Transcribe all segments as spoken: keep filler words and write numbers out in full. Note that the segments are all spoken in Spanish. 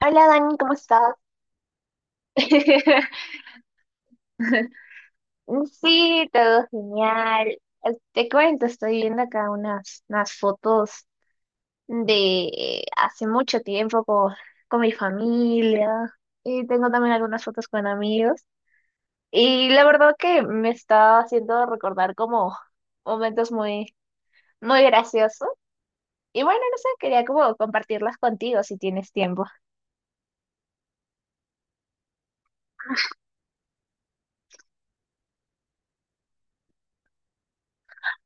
Hola Dani, ¿cómo estás? Sí, todo genial. Eh, Te cuento, estoy viendo acá unas, unas fotos de hace mucho tiempo con, con mi familia y tengo también algunas fotos con amigos. Y la verdad que me está haciendo recordar como momentos muy, muy graciosos. Y bueno, no sé, quería como compartirlas contigo si tienes tiempo.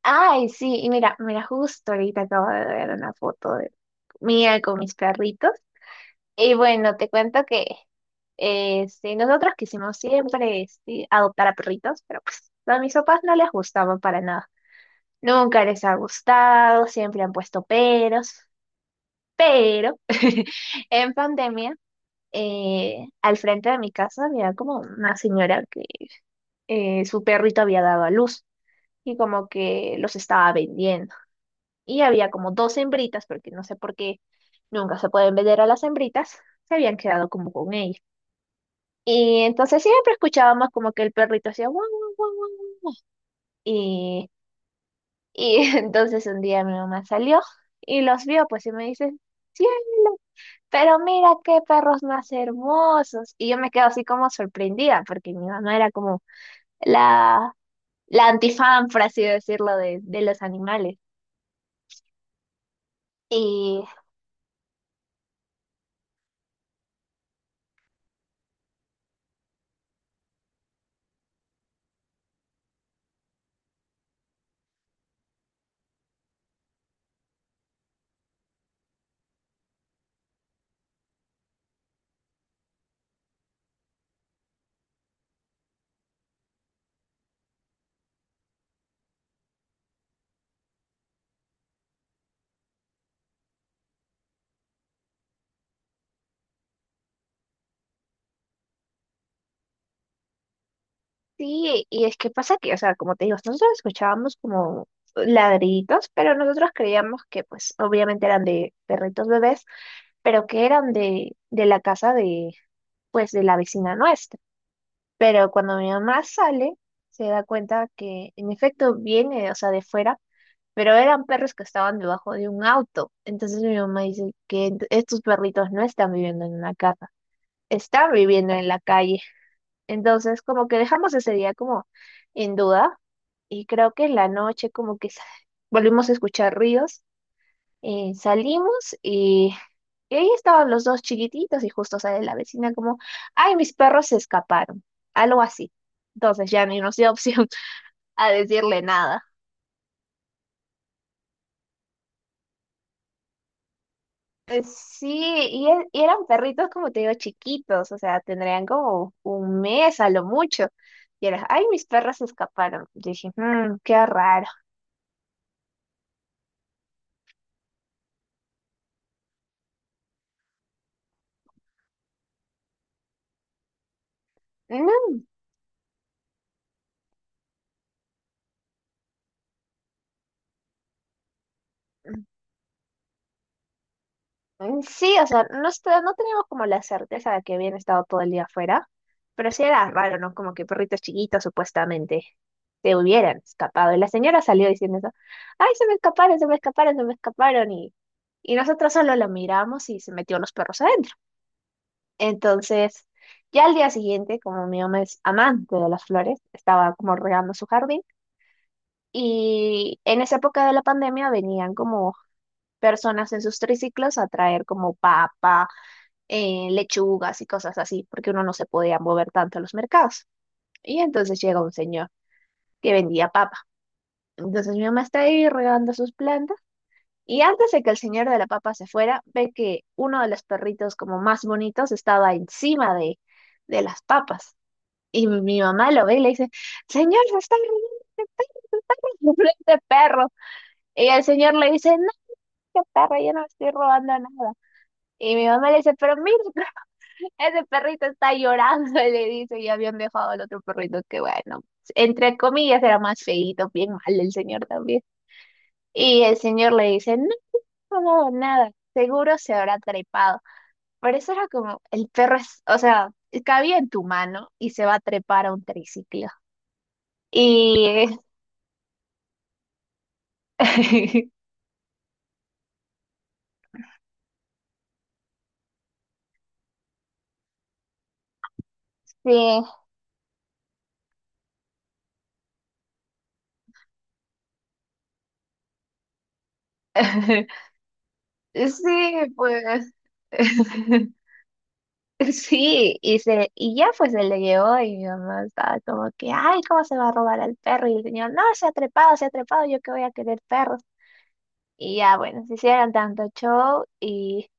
Ay, sí, y mira, mira, justo ahorita acabo de ver una foto de mía con mis perritos. Y bueno, te cuento que este, nosotros quisimos siempre este, adoptar a perritos, pero pues a mis papás no les gustaban para nada. Nunca les ha gustado, siempre han puesto peros. Pero en pandemia, eh, al frente de mi casa había como una señora que eh, su perrito había dado a luz y como que los estaba vendiendo. Y había como dos hembritas, porque no sé por qué nunca se pueden vender a las hembritas, se habían quedado como con ella. Y entonces siempre escuchábamos como que el perrito hacía guau, guau, guau, guau. Y, y entonces un día mi mamá salió y los vio, pues y me dice, cielo, pero mira qué perros más hermosos. Y yo me quedo así como sorprendida, porque mi mamá era como la, la antifan, por así decirlo, de, de los animales. Y sí, y es que pasa que, o sea, como te digo, nosotros escuchábamos como ladriditos, pero nosotros creíamos que, pues, obviamente eran de perritos bebés, pero que eran de, de la casa de, pues, de la vecina nuestra. Pero cuando mi mamá sale, se da cuenta que, en efecto, viene, o sea, de fuera, pero eran perros que estaban debajo de un auto. Entonces mi mamá dice que ent- estos perritos no están viviendo en una casa, están viviendo en la calle. Entonces, como que dejamos ese día como en duda y creo que en la noche como que sa- volvimos a escuchar ríos, eh, salimos y, y ahí estaban los dos chiquititos y justo sale la vecina como, ay, mis perros se escaparon, algo así. Entonces ya ni nos dio opción a decirle nada. Eh, Sí, y, e- y eran perritos, como te digo, chiquitos, o sea, tendrían como un mes a lo mucho. Y era, ay, mis perros se escaparon. Yo dije, "Mm, qué raro. No, mm, sí, o sea, no, está- no teníamos como la certeza de que habían estado todo el día afuera, pero sí era raro, ¿no? Como que perritos chiquitos supuestamente se hubieran escapado. Y la señora salió diciendo eso, ay, se me escaparon, se me escaparon, se me escaparon. Y, y nosotros solo la miramos y se metió los perros adentro. Entonces, ya al día siguiente, como mi mamá es amante de las flores, estaba como regando su jardín. Y en esa época de la pandemia venían como personas en sus triciclos a traer como papas eh, lechugas y cosas así, porque uno no se podía mover tanto a los mercados. Y entonces llega un señor que vendía papa. Entonces mi mamá está ahí regando sus plantas. Y antes de que el señor de la papa se fuera, ve que uno de los perritos como más bonitos estaba encima de, de las papas. Y mi mamá lo ve y le dice, señor, se está robando este perro. Y el señor le dice, no, qué perro, yo no estoy robando nada. Y mi mamá le dice, pero mira, ese perrito está llorando, le dice, y habían dejado al otro perrito que, bueno, entre comillas era más feíto, bien mal el señor también. Y el señor le dice, no, no hago nada, seguro se habrá trepado. Pero eso era como, el perro es, o sea, cabía en tu mano y se va a trepar a un triciclo. Y sí, sí, pues. Sí, y, se, y ya pues se le llevó y mi mamá estaba como que, ay, ¿cómo se va a robar al perro? Y el señor, no, se ha trepado, se ha trepado, yo que voy a querer perros. Y ya bueno, se hicieron tanto show y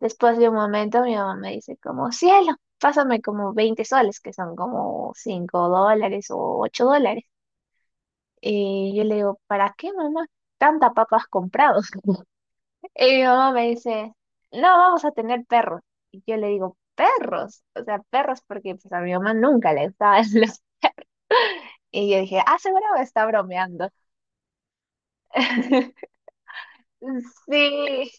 después de un momento mi mamá me dice como, cielo, pásame como veinte soles, que son como cinco dólares o ocho dólares. Y yo le digo, ¿para qué mamá? Tanta papas comprado. Y mi mamá me dice, no, vamos a tener perros. Y yo le digo, perros, o sea, perros porque pues, a mi mamá nunca le gustaban los... Y yo dije, ah, seguro me está bromeando. Sí,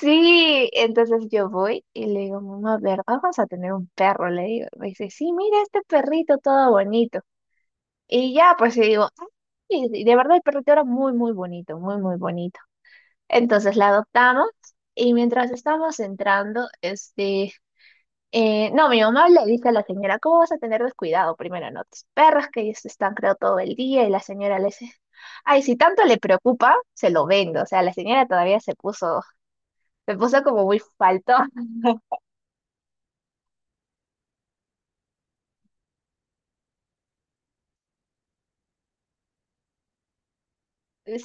sí. Entonces yo voy y le digo, mamá, a ver vamos a tener un perro, le digo. Me dice, sí, mira este perrito todo bonito. Y ya, pues y digo, "Ay, y de verdad el perrito era muy, muy bonito, muy, muy bonito. Entonces la adoptamos y mientras estábamos entrando, este, Eh, no, mi mamá le dice a la señora, ¿cómo vas a tener descuidado? Primero, no, tus perros que ellos están creo todo el día y la señora le dice, ay, si tanto le preocupa, se lo vendo. O sea, la señora todavía se puso, se puso como muy falto.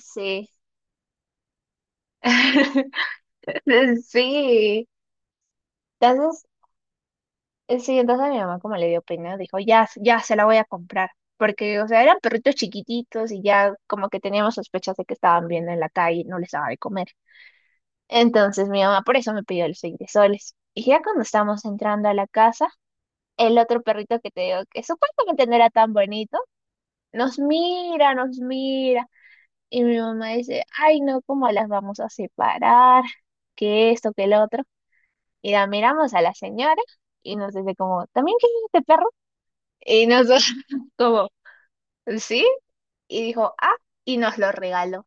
Sí. Sí. Entonces, eh, sí, entonces mi mamá como le dio pena, dijo, ya, ya se la voy a comprar. Porque, o sea, eran perritos chiquititos y ya como que teníamos sospechas de que estaban viendo en la calle y no les daba de comer. Entonces mi mamá por eso me pidió los veinte soles. Y ya cuando estábamos entrando a la casa, el otro perrito que te digo que supuestamente no era tan bonito, nos mira, nos mira. Y mi mamá dice, ay no, ¿cómo las vamos a separar? Que esto, que el otro. Y la miramos a la señora y nos dice como, ¿también quieres este perro? Y nosotros como, ¿sí? Y dijo, ah, y nos lo regaló.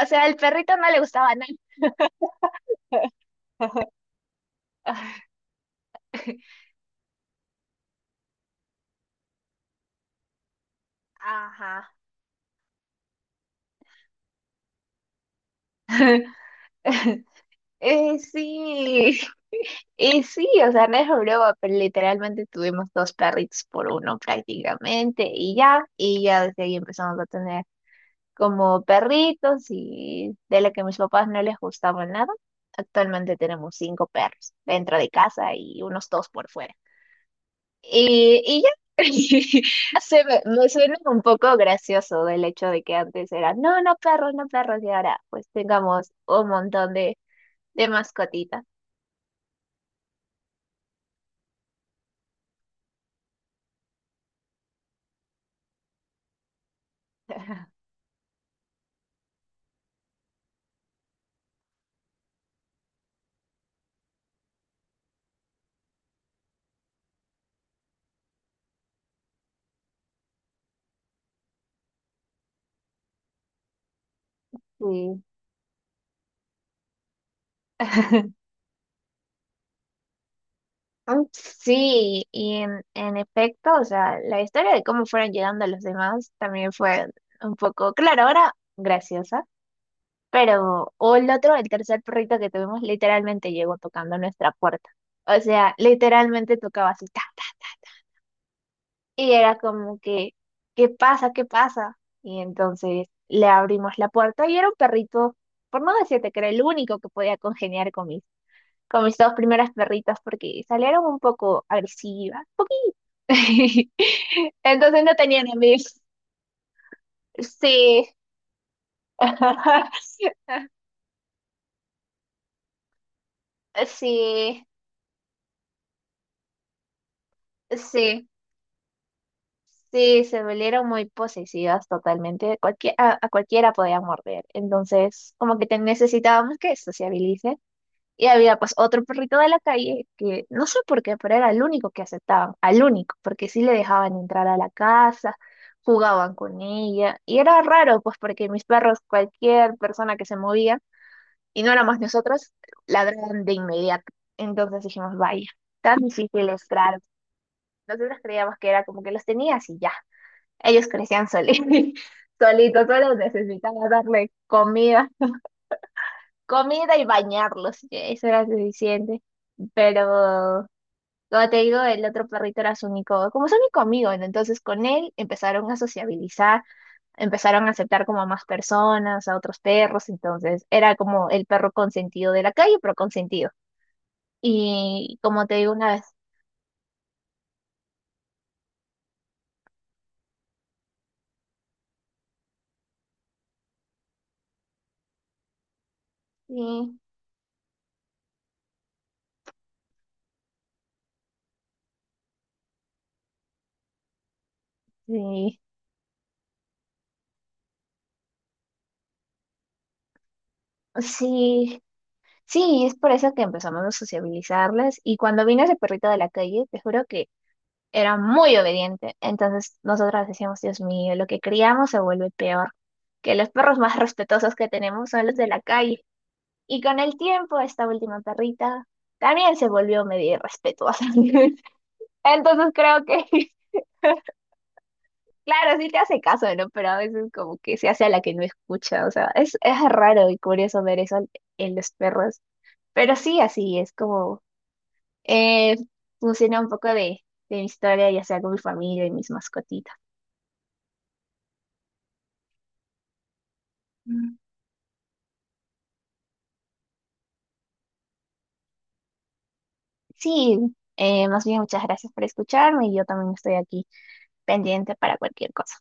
O sea, al perrito no le gustaba nada. Ajá. Eh, sí. Y sí, o sea, no es broma, pero literalmente tuvimos dos perritos por uno prácticamente y ya, y ya desde ahí empezamos a tener como perritos y de lo que a mis papás no les gustaba nada, actualmente tenemos cinco perros dentro de casa y unos dos por fuera. Y, y ya, se me, me suena un poco gracioso del hecho de que antes era, no, no perros, no perros, y ahora pues tengamos un montón de, de mascotitas. Sí. Mm, sí, y en, en efecto, o sea, la historia de cómo fueron llegando los demás también fue un poco, claro, ahora graciosa, pero o el otro, el tercer perrito que tuvimos, literalmente llegó tocando nuestra puerta. O sea, literalmente tocaba así, ta, ta, y era como que, ¿qué pasa? ¿Qué pasa? Y entonces le abrimos la puerta y era un perrito, por no decirte que era el único que podía congeniar con mis, con mis, dos primeras perritas porque salieron un poco agresivas. Entonces no tenía enemigos. Sí. Sí, sí, sí, se volvieron muy posesivas totalmente. Cualquier, a, a cualquiera podía morder. Entonces, como que te necesitábamos que sociabilice. Y había pues otro perrito de la calle que no sé por qué, pero era el único que aceptaban, al único, porque sí le dejaban entrar a la casa, jugaban con ella. Y era raro, pues porque mis perros, cualquier persona que se movía, y no éramos nosotros, ladraron de inmediato. Entonces dijimos, vaya, tan difícil es claro. Nosotros creíamos que era como que los tenías y ya. Ellos crecían solitos, solitos, solo necesitaba darle comida, comida y bañarlos. Y eso era suficiente. Pero, como te digo, el otro perrito era su único, como su único amigo, ¿no? Entonces con él empezaron a sociabilizar, empezaron a aceptar como a más personas, a otros perros, entonces era como el perro consentido de la calle, pero consentido. Y como te digo una vez, sí, sí, sí, sí, es por eso que empezamos a sociabilizarles. Y cuando vino ese perrito de la calle, te juro que era muy obediente. Entonces nosotras decíamos, Dios mío, lo que criamos se vuelve peor, que los perros más respetuosos que tenemos son los de la calle. Y con el tiempo, esta última perrita también se volvió medio irrespetuosa. Entonces creo que claro, sí te hace caso, ¿no? Pero a veces como que se hace a la que no escucha, o sea, es, es raro y curioso ver eso en los perros, pero sí, así es como eh, funciona un poco de, de mi historia, ya sea con mi familia y mis mascotitas. Mm. Sí, eh, más bien muchas gracias por escucharme y yo también estoy aquí pendiente para cualquier cosa.